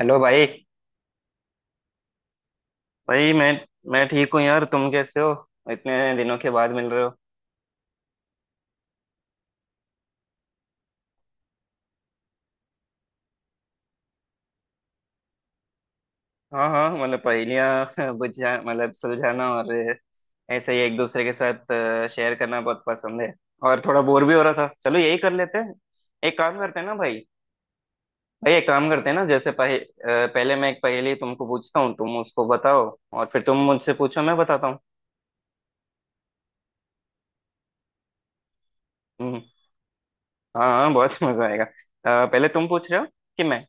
Hello भाई। भाई मैं ठीक हूँ यार, तुम कैसे हो? इतने दिनों के बाद मिल रहे हो। हाँ हाँ, मतलब पहेलियाँ। बुझा मतलब सुलझाना और ऐसे ही एक दूसरे के साथ शेयर करना बहुत पसंद है। और थोड़ा बोर भी हो रहा था, चलो यही कर लेते हैं। एक काम करते हैं ना भाई। भाई एक काम करते हैं ना, जैसे पहले मैं एक पहेली तुमको पूछता हूँ, तुम उसको बताओ। और फिर तुम मुझसे पूछो, मैं बताता हूँ। हम्म। हाँ हाँ, बहुत मजा आएगा। पहले तुम पूछ रहे हो कि मैं।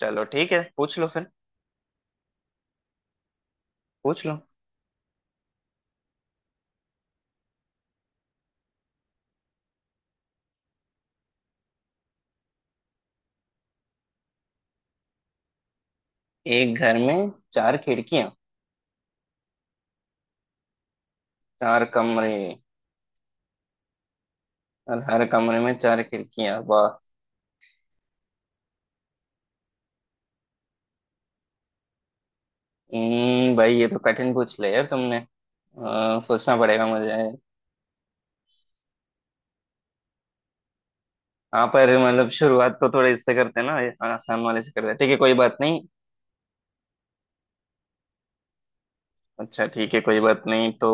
चलो ठीक है, पूछ लो फिर। पूछ लो। एक घर में चार खिड़कियां, चार कमरे। और हर कमरे में चार खिड़कियां, वाह। भाई ये तो कठिन पूछ लिया यार तुमने। सोचना पड़ेगा मुझे। हाँ, पर मतलब शुरुआत तो थोड़े इससे करते हैं ना, ये आसान वाले से करते हैं। ठीक है, कोई बात नहीं। अच्छा ठीक है, कोई बात नहीं तो।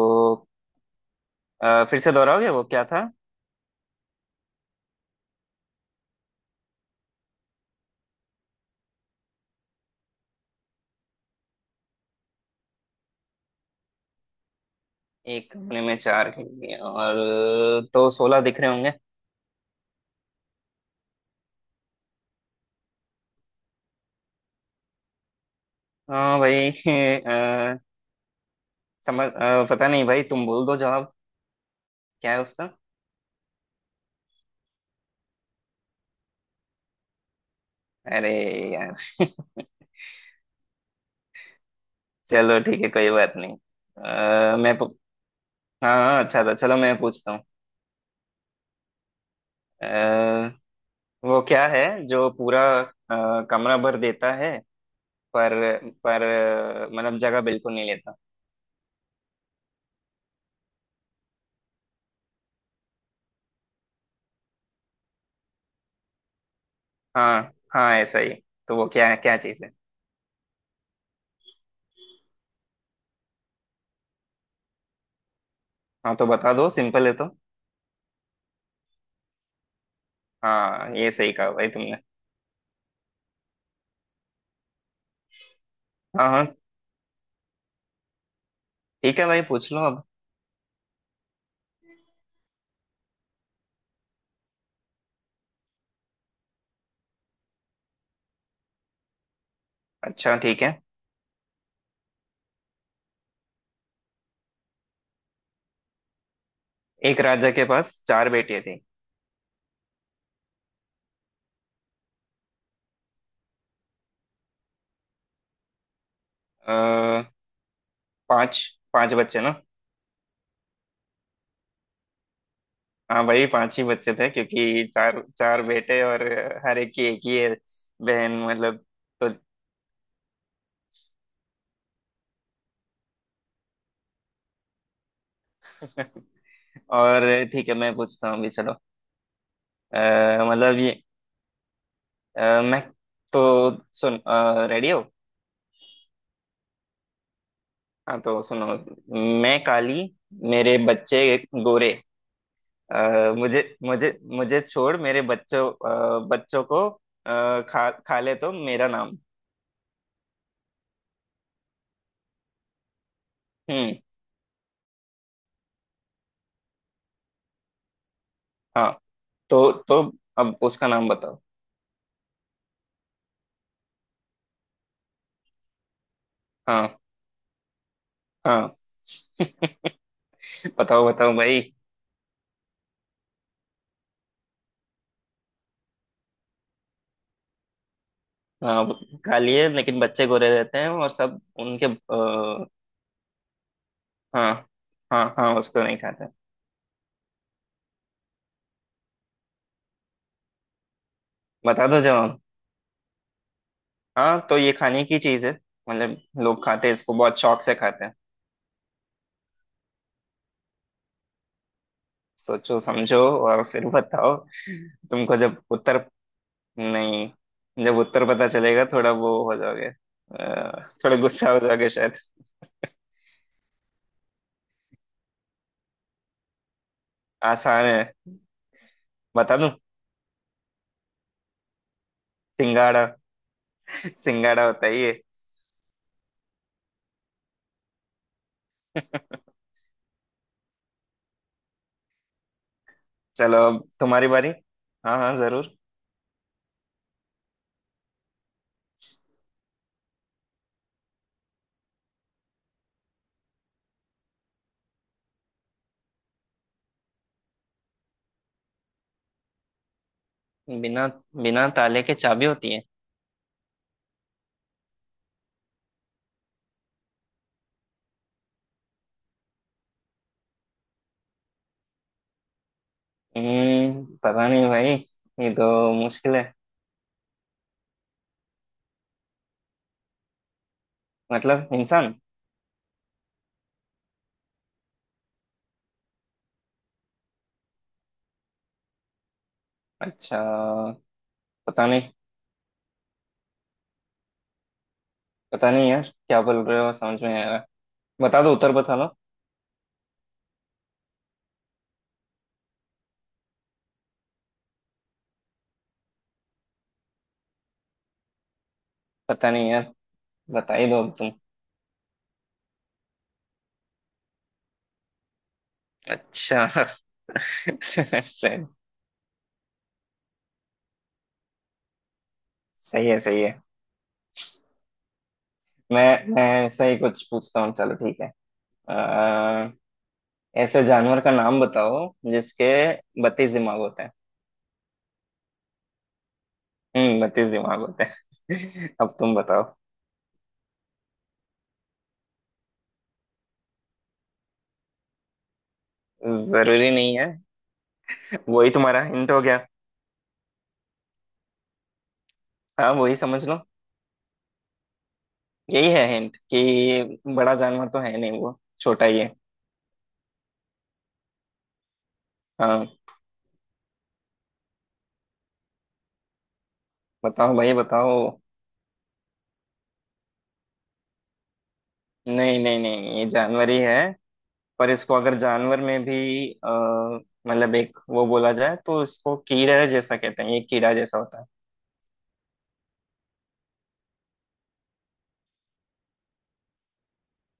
फिर से दोहराओगे, वो क्या था? एक कमरे में चार खिड़कियां और, तो 16 दिख रहे होंगे। हाँ भाई। अ, समझ, पता नहीं भाई, तुम बोल दो जवाब। क्या है उसका? अरे यार। चलो ठीक है, कोई बात नहीं। अ, मैं पु- हाँ हाँ, अच्छा था। चलो मैं पूछता हूँ। अ, वो क्या है जो पूरा कमरा भर देता है, पर पर मतलब जगह बिल्कुल नहीं लेता। हाँ हाँ, ऐसा ही। तो वो क्या है, क्या चीज़ है? हाँ तो बता दो, सिंपल है तो। हाँ, ये सही कहा भाई तुमने। हाँ हाँ, ठीक है भाई, पूछ लो अब। अच्छा ठीक है। एक राजा के पास चार बेटियां थी। आ, पांच पांच बच्चे ना? हाँ, वही पांच ही बच्चे थे क्योंकि चार चार बेटे और हर एक की एक ही है बहन, मतलब। तो। और ठीक है, मैं पूछता हूँ अभी, चलो। मतलब ये। मैं। तो। सुन। रेडी हो? हाँ तो सुनो। मैं काली, मेरे बच्चे गोरे। अ, मुझे मुझे मुझे छोड़ मेरे बच्चों, बच्चों को खा खा ले, तो मेरा नाम। हम्म। हाँ, तो अब उसका नाम बताओ। हाँ हाँ। बताओ बताओ भाई। हाँ, वो काली है लेकिन बच्चे गोरे रहते हैं और सब उनके। आ, हाँ। हाँ हाँ, उसको नहीं खाते। बता दो जवाब। हाँ, तो ये खाने की चीज है, मतलब लोग खाते हैं, इसको बहुत शौक से खाते हैं। सोचो समझो और फिर बताओ। तुमको जब उत्तर नहीं, जब उत्तर पता चलेगा थोड़ा वो हो जाओगे, थोड़ा गुस्सा हो जाओगे शायद। आसान है। बता दूं? सिंगाड़ा। सिंगाड़ा होता ही है। चलो, अब तुम्हारी बारी। हाँ हाँ, जरूर। बिना बिना ताले के चाबी होती है। पता नहीं भाई, ये तो मुश्किल है। मतलब इंसान? अच्छा। पता नहीं। पता नहीं यार, क्या बोल रहे हो, समझ में नहीं आ रहा। बता दो उत्तर, बता दो। पता नहीं यार। बता ही दो अब तुम। अच्छा। सही। सही है, सही है। मैं मैं ऐसा ही कुछ पूछता हूँ, चलो ठीक है। अ, ऐसे जानवर का नाम बताओ जिसके 32 दिमाग होते हैं। हम्म, 32 दिमाग होते हैं। अब तुम बताओ। जरूरी नहीं है। वही तुम्हारा हिंट हो गया। हाँ, वही समझ लो। यही है हिंट कि बड़ा जानवर तो है नहीं, वो छोटा ही है। हाँ। बताओ भाई बताओ। नहीं नहीं नहीं, ये जानवर ही है। पर इसको अगर जानवर में भी मतलब एक वो बोला जाए, तो इसको कीड़ा जैसा कहते हैं, ये कीड़ा जैसा होता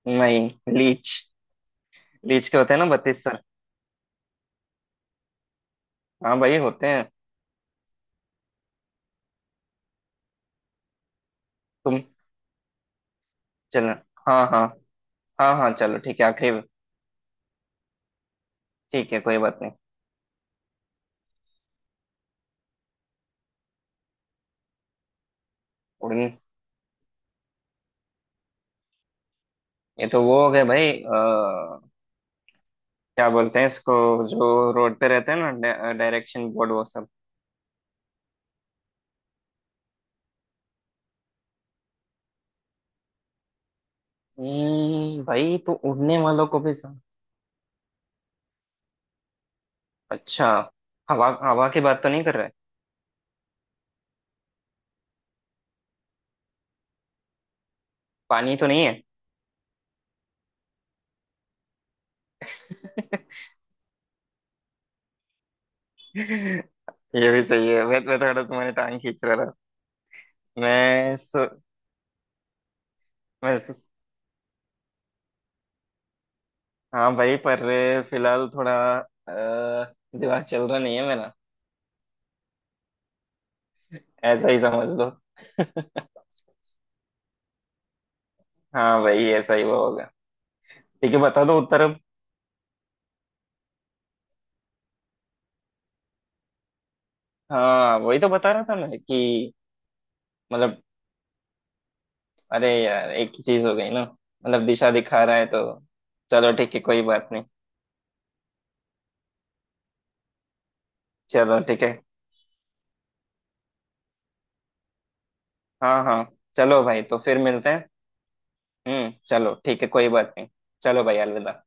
है। नहीं। लीच। लीच के होते हैं ना 32 सर? हाँ भाई, होते हैं। तुम। चलो। हाँ हाँ। हाँ हाँ, चलो ठीक है, आखिरी। ठीक है, कोई बात नहीं। उड़न? ये तो वो हो गए भाई। क्या बोलते हैं इसको, जो रोड पे रहते हैं ना, डायरेक्शन बोर्ड, वो सब। भाई तो उड़ने वालों को भी सम। अच्छा, हवा, हवा की बात तो नहीं कर रहा है? पानी तो नहीं है? ये भी सही है, मैं थोड़ा तुम्हारी टांग खींच रहा था। मैं सो मैं सो, हाँ भाई, पर फिलहाल थोड़ा अ, दिमाग चल रहा नहीं है मेरा, ऐसा ही समझ लो। हाँ भाई, ऐसा ही वो होगा। ठीक है, बता दो उत्तर अब। हाँ, वही तो बता रहा था मैं कि, मतलब, अरे यार एक ही चीज हो गई ना, मतलब दिशा दिखा रहा है तो। चलो ठीक है, कोई बात नहीं। चलो ठीक है। हाँ हाँ। चलो भाई, तो फिर मिलते हैं। हम्म, चलो ठीक है, कोई बात नहीं। चलो भाई, अलविदा।